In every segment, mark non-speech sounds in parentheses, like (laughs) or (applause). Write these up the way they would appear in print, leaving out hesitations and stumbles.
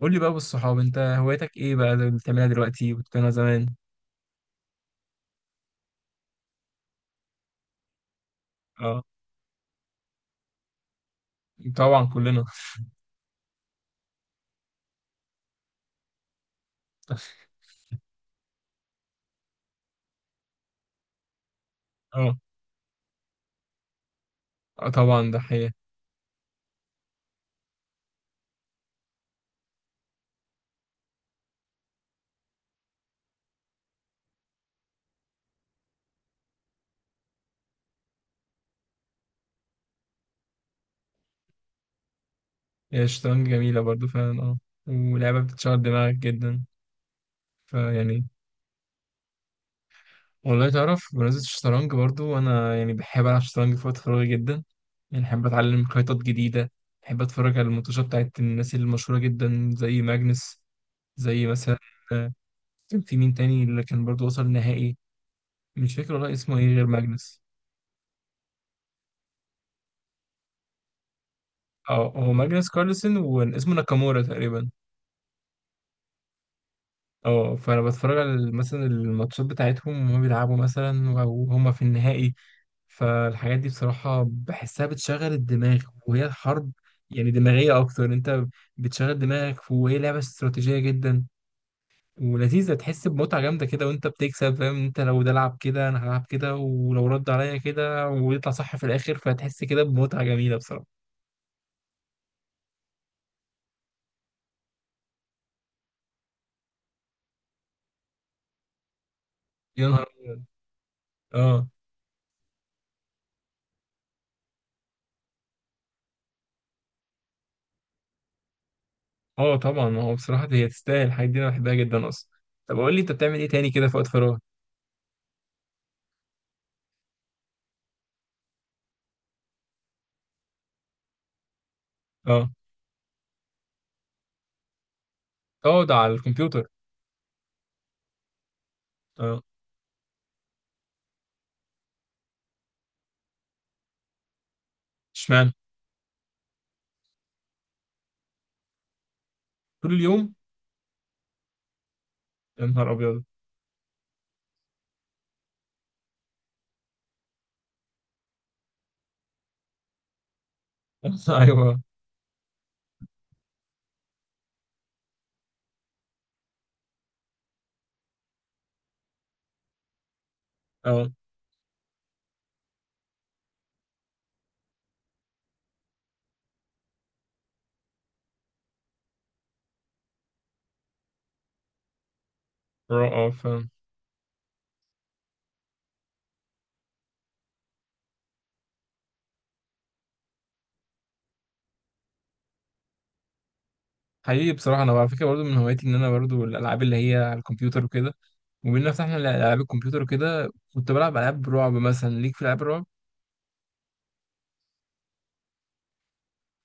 قول لي بقى بالصحاب، انت هوايتك ايه بقى اللي بتعملها دلوقتي وبتعملها زمان؟ اه، طبعا كلنا. (laughs) اه. اه، طبعا ده حقيقة. هي الشطرنج جميلة برضو فعلا، اه. ولعبة بتشغل دماغك جدا. فيعني، والله تعرف بمناسبة الشطرنج برضو أنا يعني بحب ألعب شطرنج في وقت فراغي جدا. يعني بحب أتعلم خيطات جديدة. بحب أتفرج على الماتشات بتاعت الناس المشهورة جدا زي ماجنس. زي مثلا، آه، كان في مين تاني اللي كان برضو وصل نهائي؟ مش فاكر والله اسمه ايه غير ماجنس. اه، هو ماجنس كارلسن واسمه ناكامورا تقريبا. اه، فانا بتفرج على مثلا الماتشات بتاعتهم وهم بيلعبوا مثلا، او هم في النهائي. فالحاجات دي بصراحة بحسها بتشغل الدماغ. وهي الحرب يعني دماغية أكتر. أنت بتشغل دماغك، وهي لعبة استراتيجية جدا، ولذيذة. تحس بمتعة جامدة كده وأنت بتكسب، فاهم؟ أنت لو ده لعب كده أنا هلعب كده، ولو رد عليا كده ويطلع صح في الآخر، فتحس كده بمتعة جميلة بصراحة. يا نهار. آه. اه، طبعا هو بصراحة هي تستاهل الحاجات دي، انا بحبها جدا اصلا. طب قول لي انت بتعمل ايه تاني كده في وقت فراغ؟ اه. اقعد على الكمبيوتر. اه. اشمعنى؟ طول اليوم. يا نهار ابيض. (laughs) ايوه. اه. اه، فاهم. حقيقي بصراحة، انا على فكرة برضو من هواياتي ان انا برضو الالعاب اللي هي على الكمبيوتر وكده. وبما فتحنا العاب الكمبيوتر وكده، كنت بلعب العاب رعب مثلا. ليك في العاب الرعب؟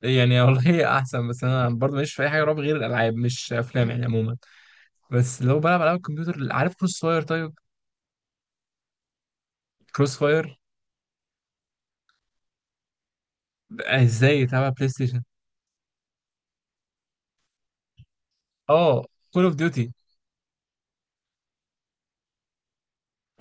يعني والله (laughs) هي احسن، بس انا برضو ماليش في اي حاجه رعب غير الالعاب، مش افلام يعني عموما. بس لو بلعب العاب الكمبيوتر، عارف كروس فاير؟ طيب. كروس فاير. ازاي يلعبها بلاي ستيشن؟ اه. كول اوف ديوتي.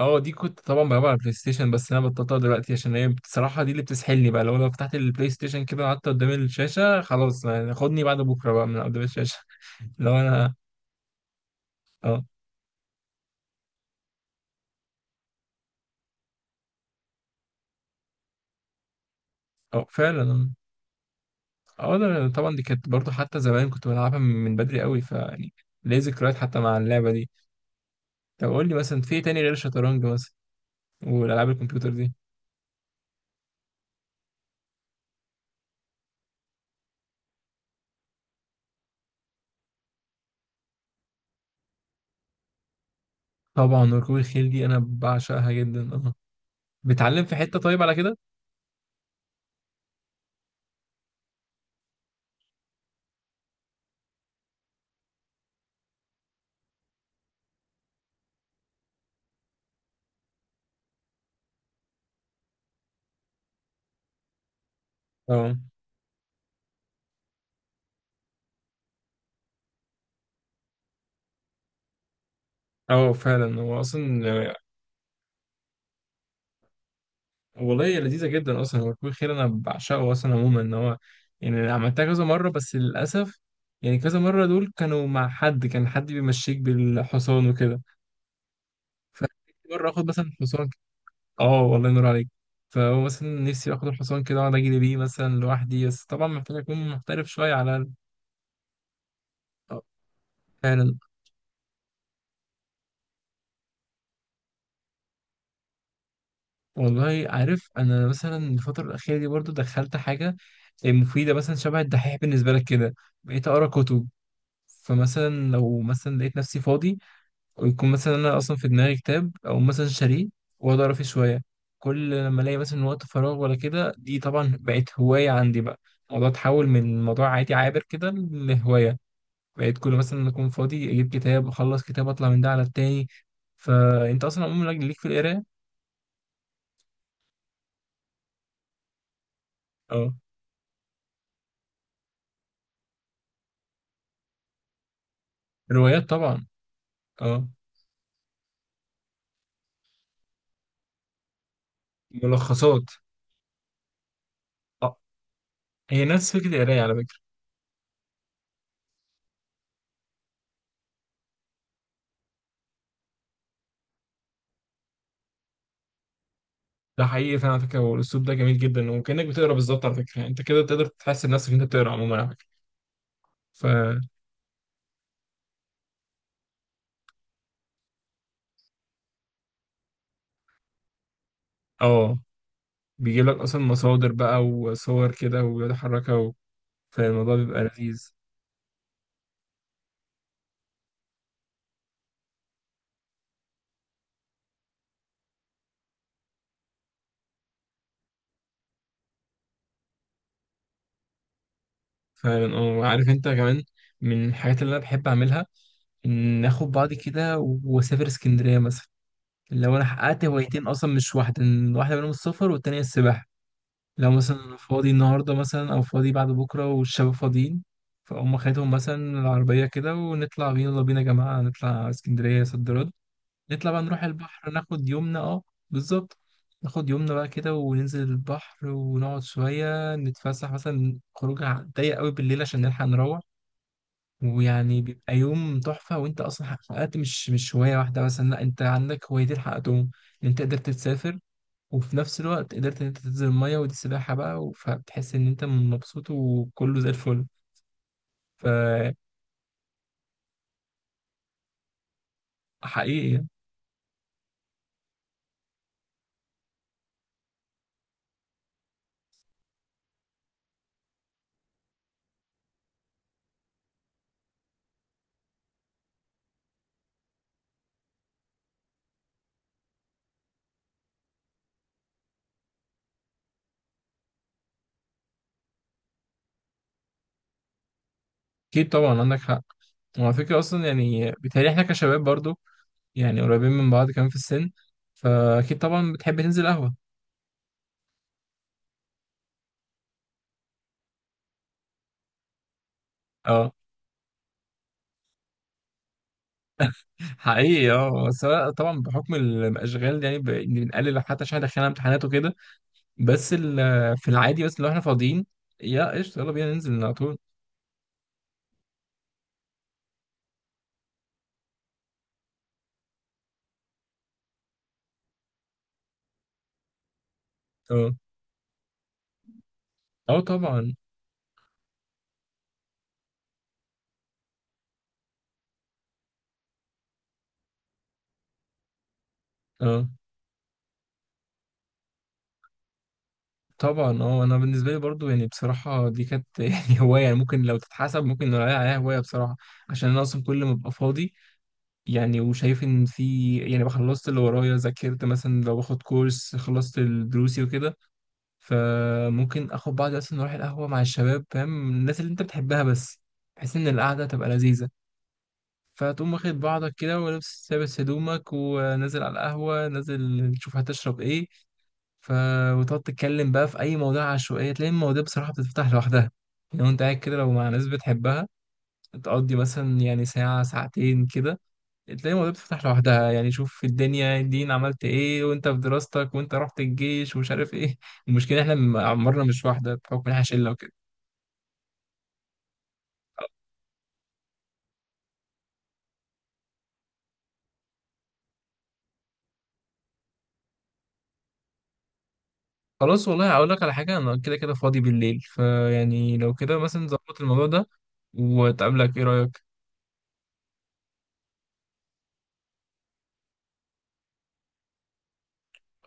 اه، دي كنت طبعا بلعبها على البلاي ستيشن، بس انا بطلتها دلوقتي عشان هي بصراحه دي اللي بتسحلني بقى. لو فتحت البلاي ستيشن كده وقعدت قدام الشاشه، خلاص يعني، خدني بعد بكره بقى من قدام الشاشه. (laughs) لو انا. اه. اه، فعلا. اه، ده طبعا دي كانت برضو حتى زمان، كنت بلعبها من بدري قوي، فيعني ليه ذكريات حتى مع اللعبه دي. طب قول لي مثلا في إيه تاني غير الشطرنج مثلا، والالعاب الكمبيوتر دي؟ طبعا ركوب الخيل دي انا بعشقها جدا، اه. بتعلم في حته طيب على كده؟ اه. اه، فعلا. هو اصلا والله هي لذيذه جدا اصلا. هو ركوب الخيل انا بعشقه اصلا عموما. ان هو يعني أنا عملتها كذا مره، بس للاسف يعني كذا مره دول كانوا مع حد، كان حد بيمشيك بالحصان وكده. فمره اخد مثلا حصان اه، والله ينور عليك. فهو مثلا نفسي اخد الحصان كده واقعد اجري بيه مثلا لوحدي، بس طبعا محتاج اكون محترف شويه على آه، فعلا. والله عارف انا مثلا الفتره الاخيره دي برضو دخلت حاجه مفيده، مثلا شبه الدحيح بالنسبه لك كده. بقيت اقرا كتب. فمثلا لو مثلا لقيت نفسي فاضي، ويكون مثلا انا اصلا في دماغي كتاب او مثلا شاريه، واقعد اقرا فيه شويه. كل لما الاقي مثلا وقت فراغ ولا كده، دي طبعا بقت هوايه عندي بقى. الموضوع اتحول من موضوع عادي عابر كده لهوايه. بقيت كل مثلا لما اكون فاضي اجيب كتاب، اخلص كتاب اطلع من ده على التاني. فانت اصلا عموما ليك في القرايه؟ اه. روايات طبعا. اه. ملخصات. اه. هي نفس فكره القرايه على فكره. ده حقيقي فعلا على فكره، والاسلوب ده جميل جدا، وكانك بتقرا بالظبط على فكره، يعني انت كده تقدر تحس بنفسك إن انت بتقرا عموما على فكره. ف اه، بيجيب لك اصلا مصادر بقى وصور كده ويتحركها فالموضوع بيبقى لذيذ. فعلا. اه، وعارف انت كمان، من الحاجات اللي انا بحب اعملها ان اخد بعضي كده واسافر اسكندريه مثلا. لو انا حققت هوايتين اصلا مش واحده، إن واحده منهم السفر والتانيه السباحه. لو مثلا انا فاضي النهارده مثلا او فاضي بعد بكره والشباب فاضيين، فاقوم خدهم مثلا العربيه كده ونطلع بينا، يلا بينا يا جماعه نطلع اسكندريه صد رد. نطلع بقى نروح البحر ناخد يومنا، اه. بالظبط. ناخد يومنا بقى كده وننزل البحر ونقعد شويه نتفسح، مثلا خروجه ضيق قوي بالليل عشان نلحق نروح. ويعني بيبقى يوم تحفه، وانت اصلا حققت مش هوايه واحده مثلا، لا انت عندك هوايتين حققتهم. ان انت قدرت تسافر، وفي نفس الوقت قدرت ان انت تنزل الميه ودي السباحه بقى، فبتحس ان انت مبسوط وكله زي الفل. فحقيقي يعني. اكيد طبعا عندك حق. وعلى فكره اصلا يعني بيتهيألي احنا كشباب برضو، يعني قريبين من بعض كمان في السن، فاكيد طبعا بتحب تنزل قهوه. اه. حقيقي اه، بس أنا طبعا بحكم الاشغال يعني بنقلل حتى عشان دخلنا امتحانات وكده. بس في العادي، بس لو احنا فاضيين، يا قشطه يلا بينا ننزل على طول. اه. اه طبعا. اه طبعا. اه، انا بالنسبه لي برضو يعني بصراحه دي كانت (laughs) يعني هوايه، يعني ممكن لو تتحسب ممكن نقول عليها هوايه بصراحه. عشان انا اصلا كل ما ببقى فاضي، يعني وشايف ان في يعني خلصت اللي ورايا، ذاكرت مثلا لو باخد كورس خلصت دروسي وكده، فممكن اخد بعضي اصلا نروح القهوه مع الشباب، فاهم الناس اللي انت بتحبها بس، بحيث ان القعده تبقى لذيذه. فتقوم واخد بعضك كده ولابس لابس هدومك ونازل على القهوه، نازل تشوف هتشرب ايه. ف وتقعد تتكلم بقى في اي مواضيع عشوائيه، تلاقي المواضيع بصراحه بتتفتح لوحدها. لو انت قاعد كده لو مع ناس بتحبها، تقضي مثلا يعني ساعه ساعتين كده، تلاقي المواضيع بتتفتح لوحدها. يعني شوف في الدنيا الدين، عملت ايه وانت في دراستك، وانت رحت الجيش ومش عارف ايه. (laughs) المشكله احنا عمرنا مش واحده بحكم ان احنا شله وكده. خلاص والله، هقول لك على حاجه، انا كده كده فاضي بالليل، فيعني لو كده مثلا ظبط الموضوع ده وتقابلك، ايه رايك؟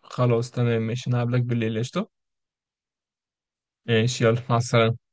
خلاص تمام ماشي، انا هقابلك بالليل، قشطه. ماشي، يلا مع السلامه.